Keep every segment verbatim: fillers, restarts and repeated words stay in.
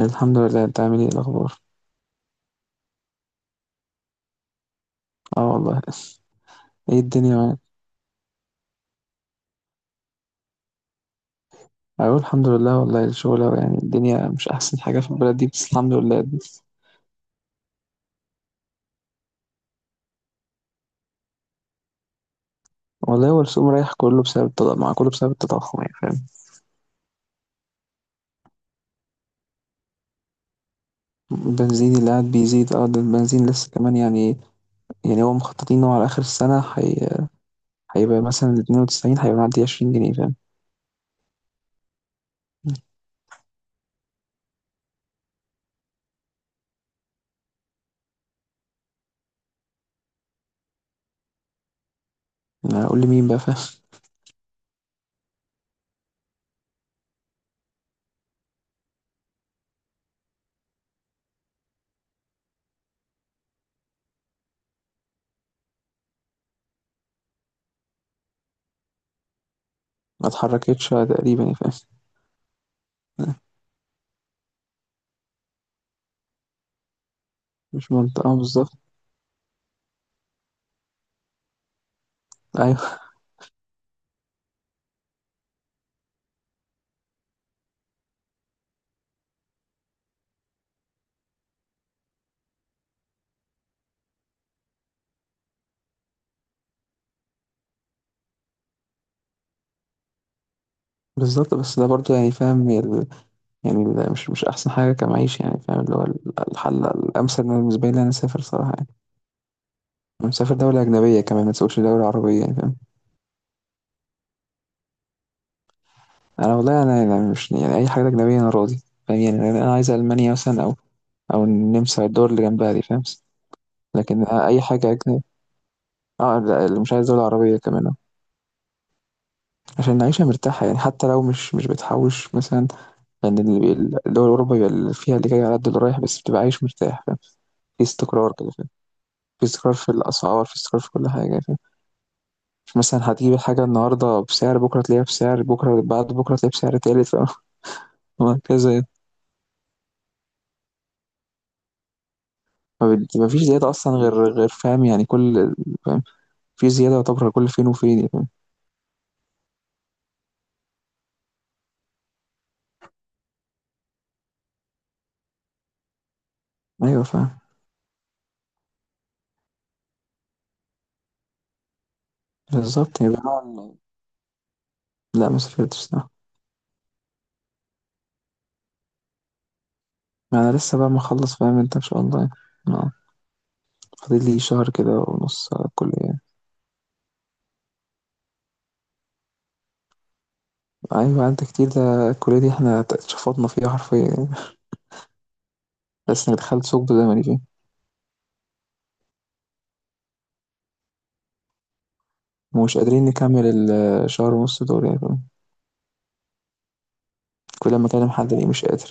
الحمد لله، انت عامل ايه الاخبار؟ اه والله. ايه الدنيا معاك؟ اقول الحمد لله والله. الشغل يعني الدنيا مش احسن حاجه في البلد دي، بس الحمد لله. والله هو السوق رايح كله بسبب التضخم، مع كله بسبب التضخم يعني فاهم. البنزين اللي قاعد بيزيد، اه ده البنزين لسه كمان يعني. يعني هو مخططين انه على اخر السنه حي... هيبقى مثلا تسعين، هيبقى معدي عشرين جنيه فاهم. انا اقول لي مين بقى فاهم. ما اتحركتش تقريبا يعني فاهم. مش منطقه بالظبط. ايوه بالظبط، بس ده برضو يعني فاهم. يعني ده مش مش احسن حاجه كمعيشه يعني فاهم. اللي هو ال- الحل الامثل بالنسبه لي إن انا اسافر صراحه يعني. انا مسافر دوله اجنبيه، كمان ما تسوقش دوله عربيه يعني فاهم. انا والله، انا يعني مش يعني اي حاجه اجنبيه انا راضي فاهم. يعني انا أنا عايز المانيا مثلا، او او النمسا، الدول اللي جنبها دي فاهم. لكن اي حاجه اجنبيه. اه لا، اللي مش عايز دولة عربية كمان أهو. عشان نعيشها مرتاحة، يعني حتى لو مش مش بتحوش مثلا. لأن يعني الدول الأوروبية بيبقى اللي فيها اللي جاي على قد اللي رايح، بس بتبقى عايش مرتاح فاهم. في استقرار كده فاهم. في استقرار في الأسعار، في استقرار في كل حاجة. مثلا هتجيب الحاجة النهاردة بسعر، بكرة تلاقيها بسعر، بكرة بعد بكرة تلاقيها بسعر تالت فاهم؟ وهكذا يعني. ما بت- ما فيش زيادة أصلا غير غير فاهم، يعني كل فاهم. في زيادة يعتبر كل فين وفين يعني. أيوه فاهم. بالظبط، يبقى نوع ال- لا ما سافرتش لا. ما أنا لسه بقى مخلص فاهم أنت إن شاء الله يعني. آه. فاضل لي شهر كده ونص على الكلية يعني. أيوة أنت كتير، ده الكلية دي إحنا اتشفطنا فيها حرفيا يعني. بس أنا دخلت ثقب زمني فيه ومش قادرين نكمل الشهر ونص دول يعني فاهم؟ كل ما أكلم حد يلاقيه مش قادر.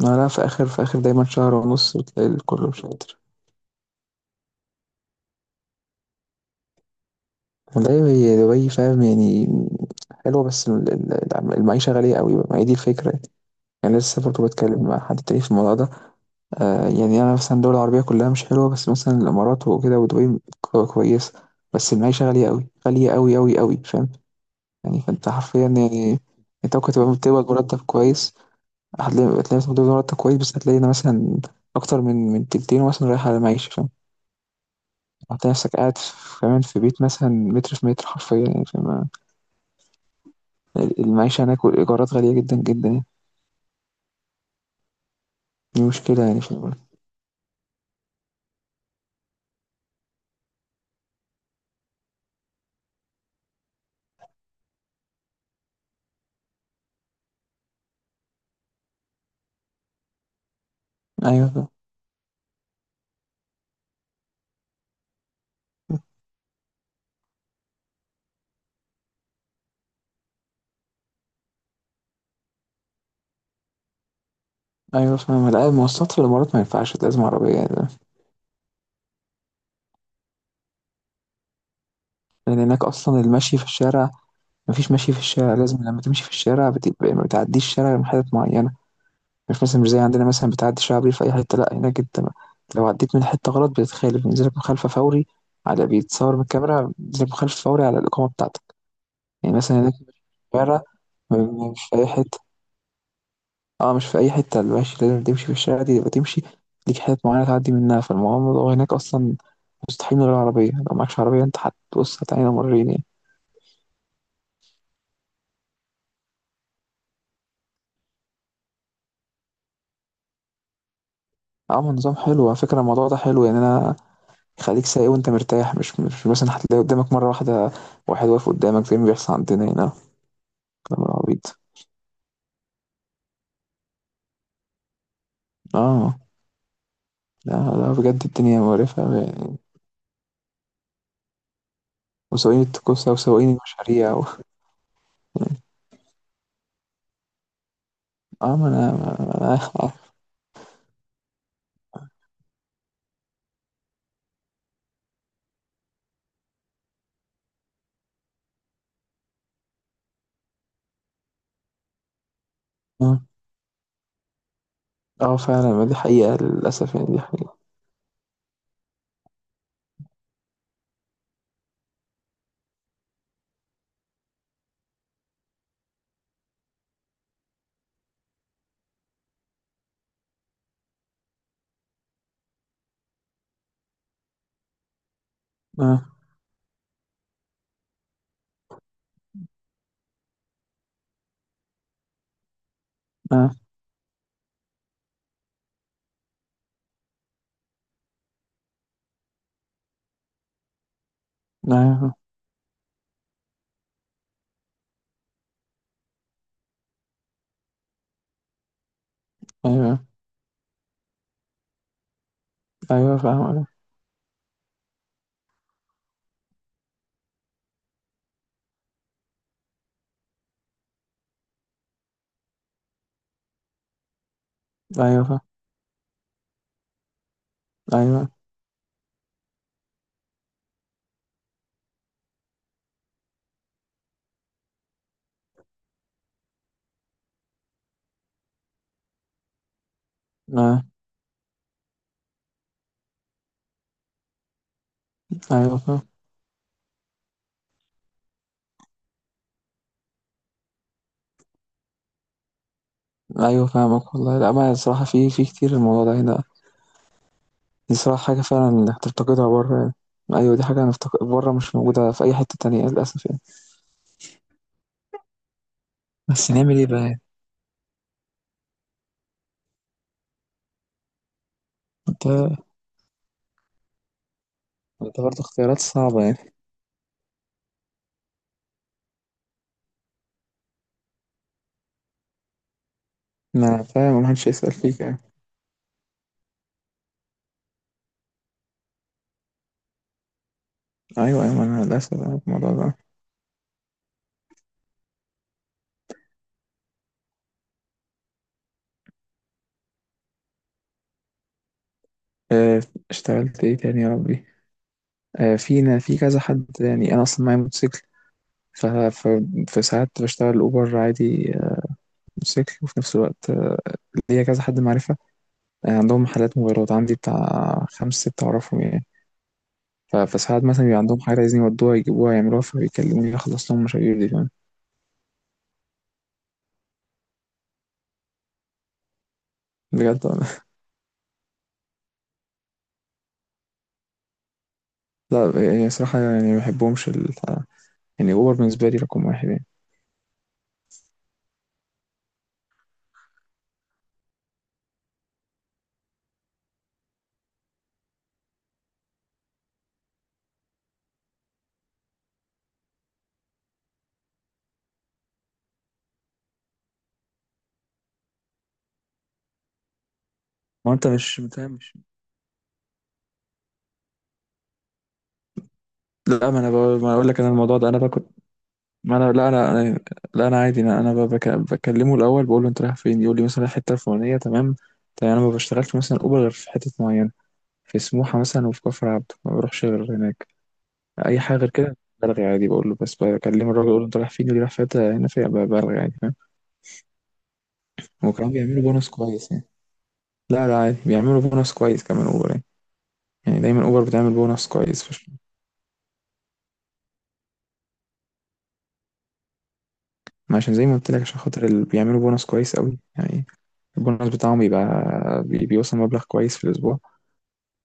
ما لا، في آخر في آخر دايما شهر ونص بتلاقي الكل مش قادر. والله هي دبي فاهم يعني. حلوة، بس ال- ال- المعيشة غالية قوي، ما هي دي الفكرة يعني. أنا لسه برضه بتكلم مع حد تاني في الموضوع ده. آه يعني أنا مثلا الدول العربية كلها مش حلوة، بس مثلا الإمارات وكده ودبي كو- كويسة. بس المعيشة غالية قوي، غالية قوي قوي قوي فاهم. يعني فأنت حرفيا يعني أنت ممكن تبقى بتقبض مرتب كويس. هتلاقي هتلاقي مثلا بتقبض مرتب كويس، بس هتلاقي إن مثلا أكتر من من تلتين مثلا رايح على المعيشة فاهم. انت نفسك قاعد في- كمان في بيت مثلا متر في متر حرفيا يعني فاهم. المعيشة هناك والإيجارات غالية جدا جدا يعني. دي مشكلة يعني في البلد. أيوة فاهم. أيوة فاهم. لا المواصلات في الإمارات ما ينفعش، لازم عربية يعني فاهم؟ لأن هناك أصلا المشي في الشارع، مفيش مشي في الشارع، لازم لما تمشي في الشارع بتبقى ما بتعديش الشارع من حتت معينة. مش مثلا مش زي عندنا، مثلا بتعدي شعبي في أي حتة، لا هناك أنت ما- لو عديت من حتة غلط بتتخالف، بينزلك مخالفة فوري، على بيتصور من الكاميرا بينزلك مخالفة فوري على الإقامة بتاعتك. يعني مثلا هناك في الشارع م- مش في أي حتة. اه مش في أي حتة، المشي لازم تمشي في الشارع دي يبقى تمشي، ليك حتت معينة تعدي منها. فالموضوع هناك أصلا مستحيل من غير عربية، لو معكش عربية أنت هتبص هتعاني مرين يعني. عامل نظام حلو على فكرة، الموضوع ده حلو يعني. أنا يخليك سايق وأنت مرتاح، مش مش مثلا هتلاقي قدامك مرة واحدة واحد واقف قدامك زي ما بيحصل عندنا هنا. كلام عبيط. اه لا لا، بجد الدنيا مقرفة يعني. وسواقين التكوسة وسواقين المشاريع و... اه ما أنا ما أنا- آه. اه فعلا، ما دي حقيقة للأسف يعني، دي حقيقة. اه اه. أيوه أيوه. أيوه فاهم. أيوه فاهم. أيوه اه. أيوه فاهم. أيوه فاهمك والله. لا ما الصراحة في في كتير الموضوع ده هنا. دي صراحة حاجة فعلا إنك تفتقدها بره يعني. أيوه، دي حاجة هنفتقد بره مش موجودة في أي حتة تانية للأسف يعني. بس نعمل إيه بقى يعني؟ أنت أنت برضه اختيارات صعبة يعني. ما فاهم محدش يسأل فيك يعني. أيوه أيوه، أنا للأسف أنا في الموضوع ده. آه، اشتغلت إيه تاني يا ربي. آه، فينا في كذا حد يعني، انا اصلا معايا موتوسيكل. ف... ف... فساعات بشتغل اوبر عادي آه، موتوسيكل، وفي نفس الوقت آه، ليا كذا حد معرفه، آه، عندهم محلات موبايلات، عندي بتاع خمس ست اعرفهم يعني. ف... فساعات مثلا بيبقى عندهم حاجه عايزين يودوها يجيبوها يعملوها، فبيكلموني اخلص لهم مشاوير دي فاهم. بجد والله. لا، يعني صراحه يعني ما بحبهمش ال... يعني اوبر بالنسبه لي رقم واحد يعني. ما انت مش بتاع مش لا، ما انا بقول ما أنا اقول لك انا الموضوع ده انا باكل. ما انا لا انا أنا- لا انا عادي، انا انا بك- بكلمه الاول بقول له انت رايح فين، يقول لي مثلا رايح الحته الفلانيه تمام. تمام، انا ما بشتغلش مثلا اوبر غير في حته معينه، في سموحه مثلا وفي كفر عبده، ما بروحش غير هناك. اي حاجه غير كده بلغي عادي. بقول له، بس بكلم الراجل اقول له انت رايح فين، يقول لي رايح في حته هنا، في بلغي عادي فاهم. وكمان بيعملوا بونص كويس يعني. لا لا، عادي بيعملوا بونص كويس كمان اوبر يعني. يعني دايما اوبر بتعمل بونص كويس فش... ما عشان زي ما قلت لك، عشان خاطر اللي بيعملوا بونص كويس قوي يعني. البونص بتاعهم بيبقى بي- بيوصل مبلغ كويس في الاسبوع.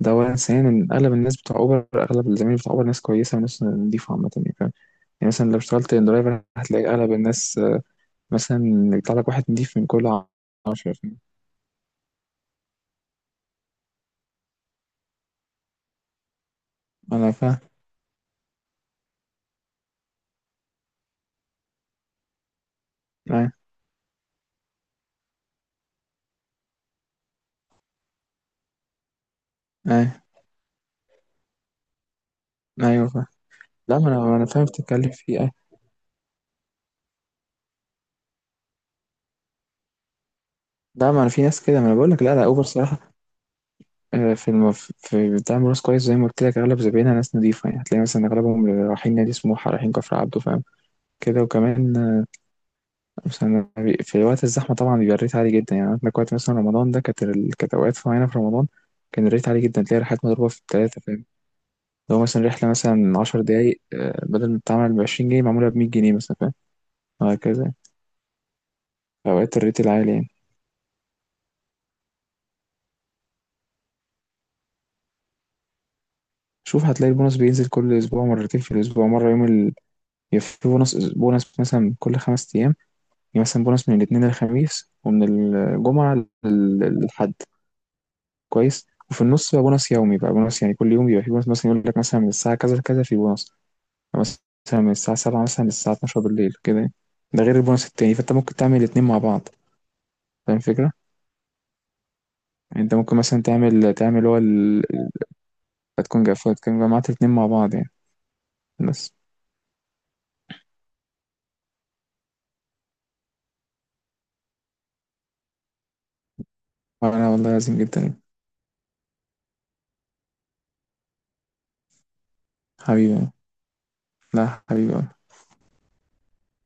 ده أولا. ثانيا، أغلب الناس بتوع أوبر، أغلب الزمايل بتوع أوبر، ناس كويسة وناس نضيفة عامة يعني فاهم. يعني مثلا لو اشتغلت درايفر هتلاقي أغلب الناس آه، مثلا يطلع لك واحد نضيف من كل عشرة فاهم. أنا فاهم. أيوة أيوة. أيوه فاهم. لا ما أنا ما أنا فاهم بتتكلم في إيه أيوة. لا، ما أنا في ناس كده ما أنا بقول لك، لا لا أوبر صراحة آه، في الم... في بتعمل ناس كويس زي ما قلت لك، أغلب زباينها ناس نضيفة يعني، هتلاقي مثلا أغلبهم رايحين نادي سموحة رايحين كفر عبده فاهم. كده وكمان. بس أنا بي- في وقت الزحمة طبعا بيبقى الريت عالي جدا يعني، عندك وقت مثلا رمضان ده، كانت ال- كانت أوقات معينة في رمضان كان الريت عالي جدا، تلاقي رحلات مضروبة في التلاتة فاهم. لو مثلا رحلة مثلا عشر دقايق آه، بدل ما تتعمل بعشرين جنيه معمولة بمية جنيه مثلا فاهم. وهكذا، أوقات الريت العالي يعني. شوف، هتلاقي البونص بينزل كل أسبوع مرتين في الأسبوع، مرة يوم ال... يبقى في بونص بونص مثلا كل خمس أيام. يعني مثلا بونص من الاثنين للخميس، ومن الجمعة لل- للحد. كويس، وفي النص بقى بونص يومي، بقى بونص يعني كل يوم بيبقى في بونص مثلا يقول لك مثلا من الساعة كذا لكذا في بونص، مثلا من الساعة سبعة مثلا للساعة اتناشر بالليل كده يعني. ده غير البونص التاني، فانت ممكن تعمل الاتنين مع بعض فاهم الفكرة؟ يعني انت ممكن مثلا تعمل تعمل هو ال... هتكون جا- تكون جمعت الاتنين مع بعض يعني. بس. انا والله عظيم جدا يعني. حبيبي يعني. لا حبيبي.